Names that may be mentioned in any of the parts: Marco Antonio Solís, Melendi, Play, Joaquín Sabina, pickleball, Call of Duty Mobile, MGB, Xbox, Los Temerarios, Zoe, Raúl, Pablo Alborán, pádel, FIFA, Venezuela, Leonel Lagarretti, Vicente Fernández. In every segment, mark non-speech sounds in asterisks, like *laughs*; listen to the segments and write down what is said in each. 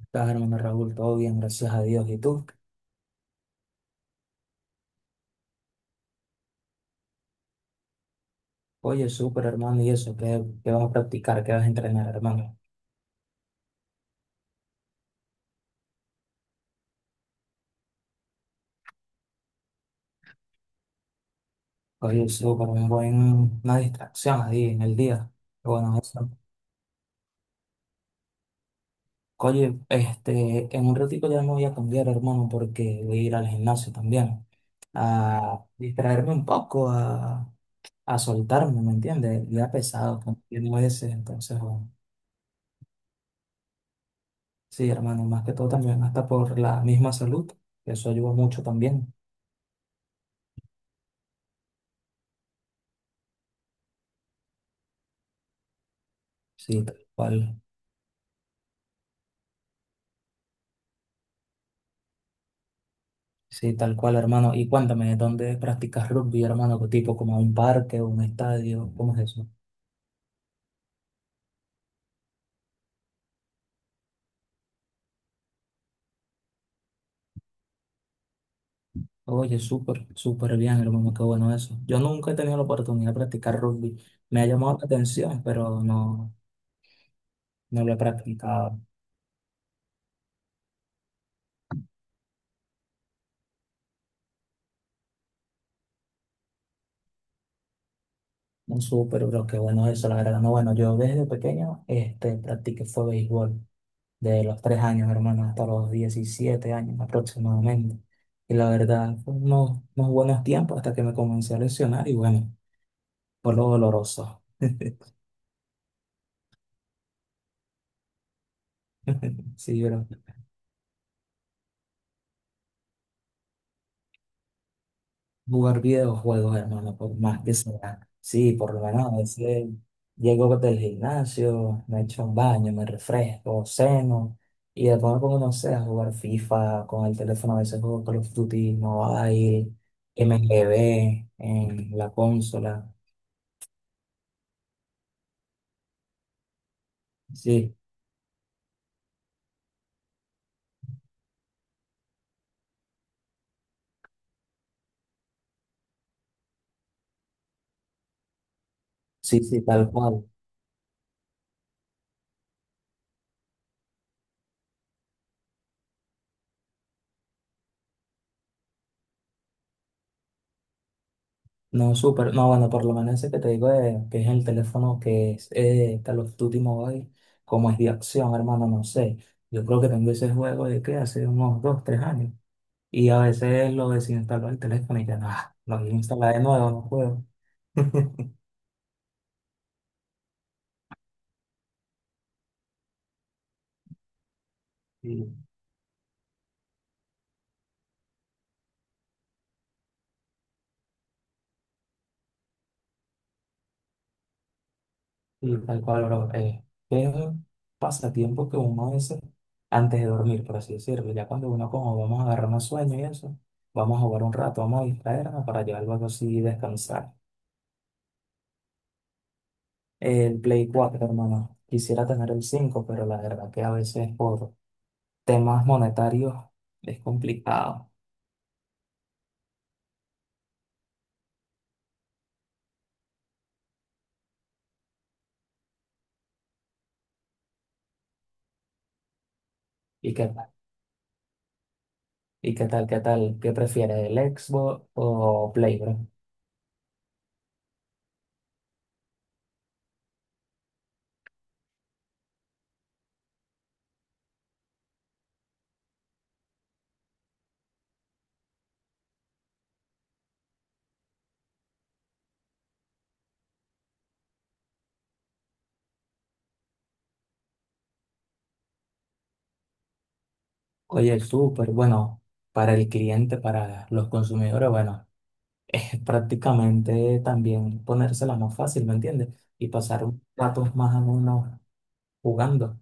Estás, hermano Raúl, todo bien, gracias a Dios. ¿Y tú? Oye, súper, hermano, ¿y eso? ¿Qué vas a practicar? ¿Qué vas a entrenar, hermano? Oye, súper, una distracción ahí en el día. Bueno, eso. Oye, este, en un ratito ya me voy a cambiar, hermano, porque voy a ir al gimnasio también. A distraerme un poco, a soltarme, ¿me entiendes? El día pesado, con ese, entonces, bueno. Sí, hermano, más que todo también, hasta por la misma salud, que eso ayuda mucho también. Sí, tal cual. Sí, tal cual, hermano. Y cuéntame, ¿dónde practicas rugby, hermano? ¿Qué tipo? ¿Como un parque o un estadio? ¿Cómo es eso? Oye, súper, súper bien, hermano. Qué bueno eso. Yo nunca he tenido la oportunidad de practicar rugby. Me ha llamado la atención, pero no, no lo he practicado. No, súper, pero qué bueno eso, la verdad. No, bueno, yo desde pequeño este, practiqué fue béisbol. De los 3 años, hermano, hasta los 17 años aproximadamente. Y la verdad, fue unos buenos tiempos hasta que me comencé a lesionar y bueno, fue lo doloroso. *laughs* Sí, pero jugar videojuegos, hermano, por más que sea. Sí, por lo menos a veces llego del gimnasio, me echo un baño, me refresco, ceno, y después me pongo, no sé, a jugar FIFA con el teléfono, a veces juego Call of Duty, Mobile, MGB en la consola. Sí, sí, sí, tal cual. No, súper. No, bueno, por lo menos ese que te digo de, que es el teléfono que es Call of Duty Mobile, como es de acción, hermano, no sé. Yo creo que tengo ese juego de que hace unos 2, 3 años. Y a veces lo desinstalo el teléfono y ya, no, ah, lo voy a instalar de nuevo, no puedo. *laughs* Y, y tal cual, bro. Es un pasatiempo que uno hace antes de dormir, por así decirlo. Ya cuando uno como vamos a agarrar un sueño y eso, vamos a jugar un rato, vamos a distraernos para llevar algo así y descansar. El Play 4, hermano. Quisiera tener el 5 pero la verdad que a veces por temas monetarios es complicado. ¿Y qué tal? ¿Qué tal? ¿Qué prefieres, el Xbox o Play, bro? Oye, el Super, bueno, para el cliente, para los consumidores, bueno, *laughs* es prácticamente también ponérsela más fácil, ¿me entiendes? Y pasar un ratos más o menos jugando.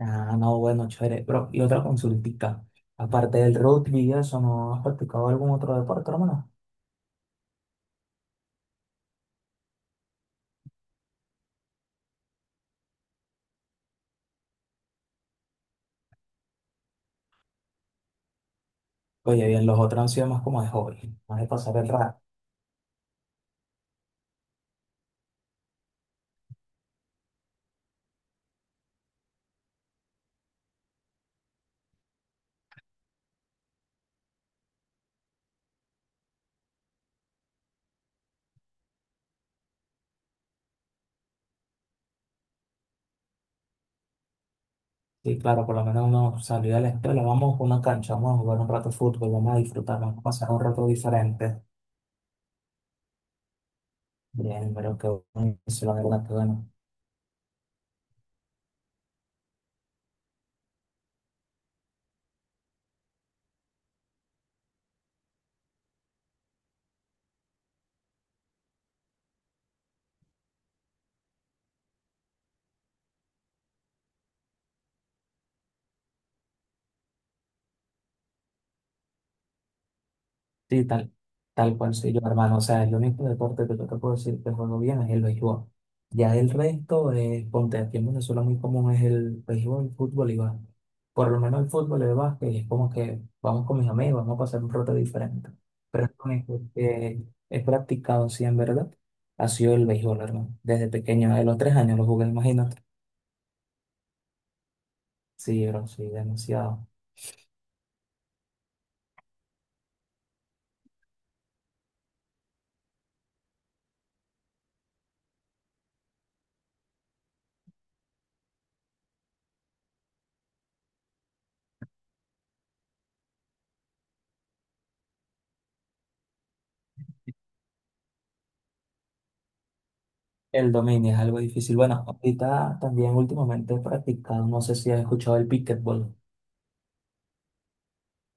Ah, no, bueno, chévere, bro. Y otra consultita. Aparte del rugby, y eso, ¿no has practicado algún otro deporte, hermano? Oye, bien, los otros han sido más como de hobby, más de pasar el rato. Sí, claro, por lo menos uno salió de la escuela, vamos a una cancha, vamos a jugar un rato de fútbol, vamos a disfrutar, vamos a pasar un rato diferente. Bien, pero qué bueno, se lo hago, qué bueno. Sí, tal cual soy yo, hermano. O sea, el único deporte que yo te puedo decir que juego bien es el béisbol. Ya el resto, ponte aquí en Venezuela muy común es el béisbol, el fútbol y básquet. Por lo menos el fútbol y el básquet es como que vamos con mis amigos, vamos a pasar un rato diferente. Pero es lo único que he practicado, sí, en verdad, ha sido el béisbol, hermano. Desde pequeño, de los 3 años lo jugué, imagínate. Sí, bro, sí, demasiado. El dominio es algo difícil. Bueno, ahorita también últimamente he practicado, no sé si has escuchado el pickleball.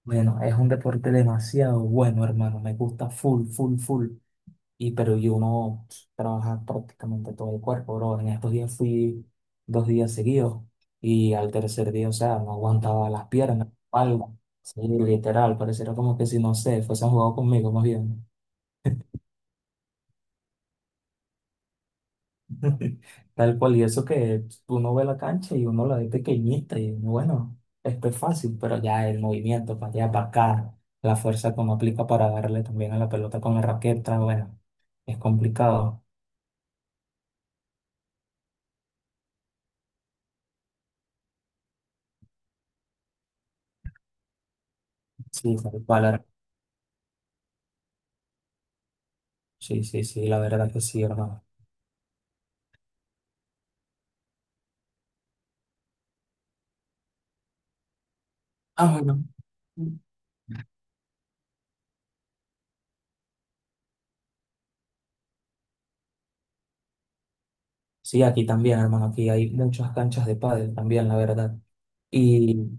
Bueno, es un deporte demasiado bueno, hermano. Me gusta full, full, full. Pero uno trabaja prácticamente todo el cuerpo, bro. En estos días fui 2 días seguidos y al tercer día, o sea, no aguantaba las piernas, algo. Sí, literal, pareciera como que si no sé, fuesen jugado conmigo más bien. *laughs* Tal cual, y eso que uno ve la cancha y uno la ve pequeñita y bueno, esto es fácil, pero ya el movimiento para allá, para acá, la fuerza que uno aplica para darle también a la pelota con la raqueta, bueno. Es complicado. Sí, tal cual. Sí, sí, sí, la verdad que sí, hermano. Ah, bueno. Sí, aquí también, hermano. Aquí hay muchas canchas de pádel también, la verdad. Y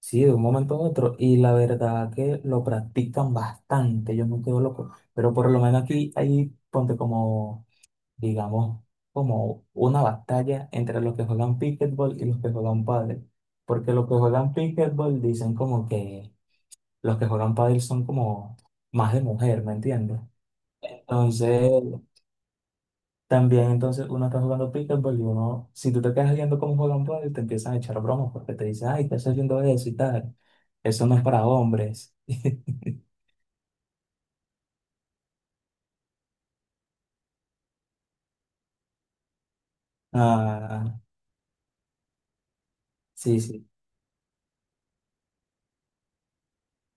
sí, de un momento a otro. Y la verdad que lo practican bastante. Yo me quedo loco. Pero por lo menos aquí hay, ponte como, digamos, como una batalla entre los que juegan pickleball y los que juegan pádel. Porque los que juegan pickleball dicen como que los que juegan pádel son como más de mujer, ¿me entiendes? Entonces, también entonces uno está jugando pickleball y uno, si tú te quedas viendo cómo juegan pádel, te empiezan a echar bromas porque te dicen, ay, estás haciendo eso y tal. Eso no es para hombres. *laughs* Ah, sí, sí,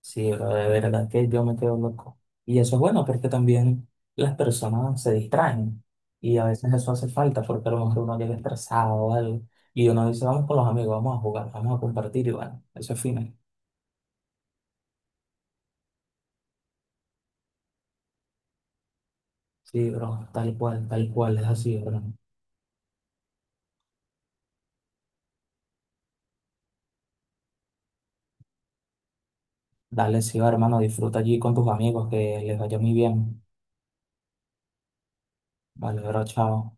sí, pero de verdad que yo me quedo loco. Y eso es bueno porque también las personas se distraen y a veces eso hace falta porque a lo mejor uno llega estresado o algo y uno dice, vamos con los amigos, vamos a jugar, vamos a compartir y bueno, eso es fino. Sí, bro, tal cual, es así, bro. Dale, sí, va, hermano, disfruta allí con tus amigos, que les vaya muy bien. Vale, bro, chao.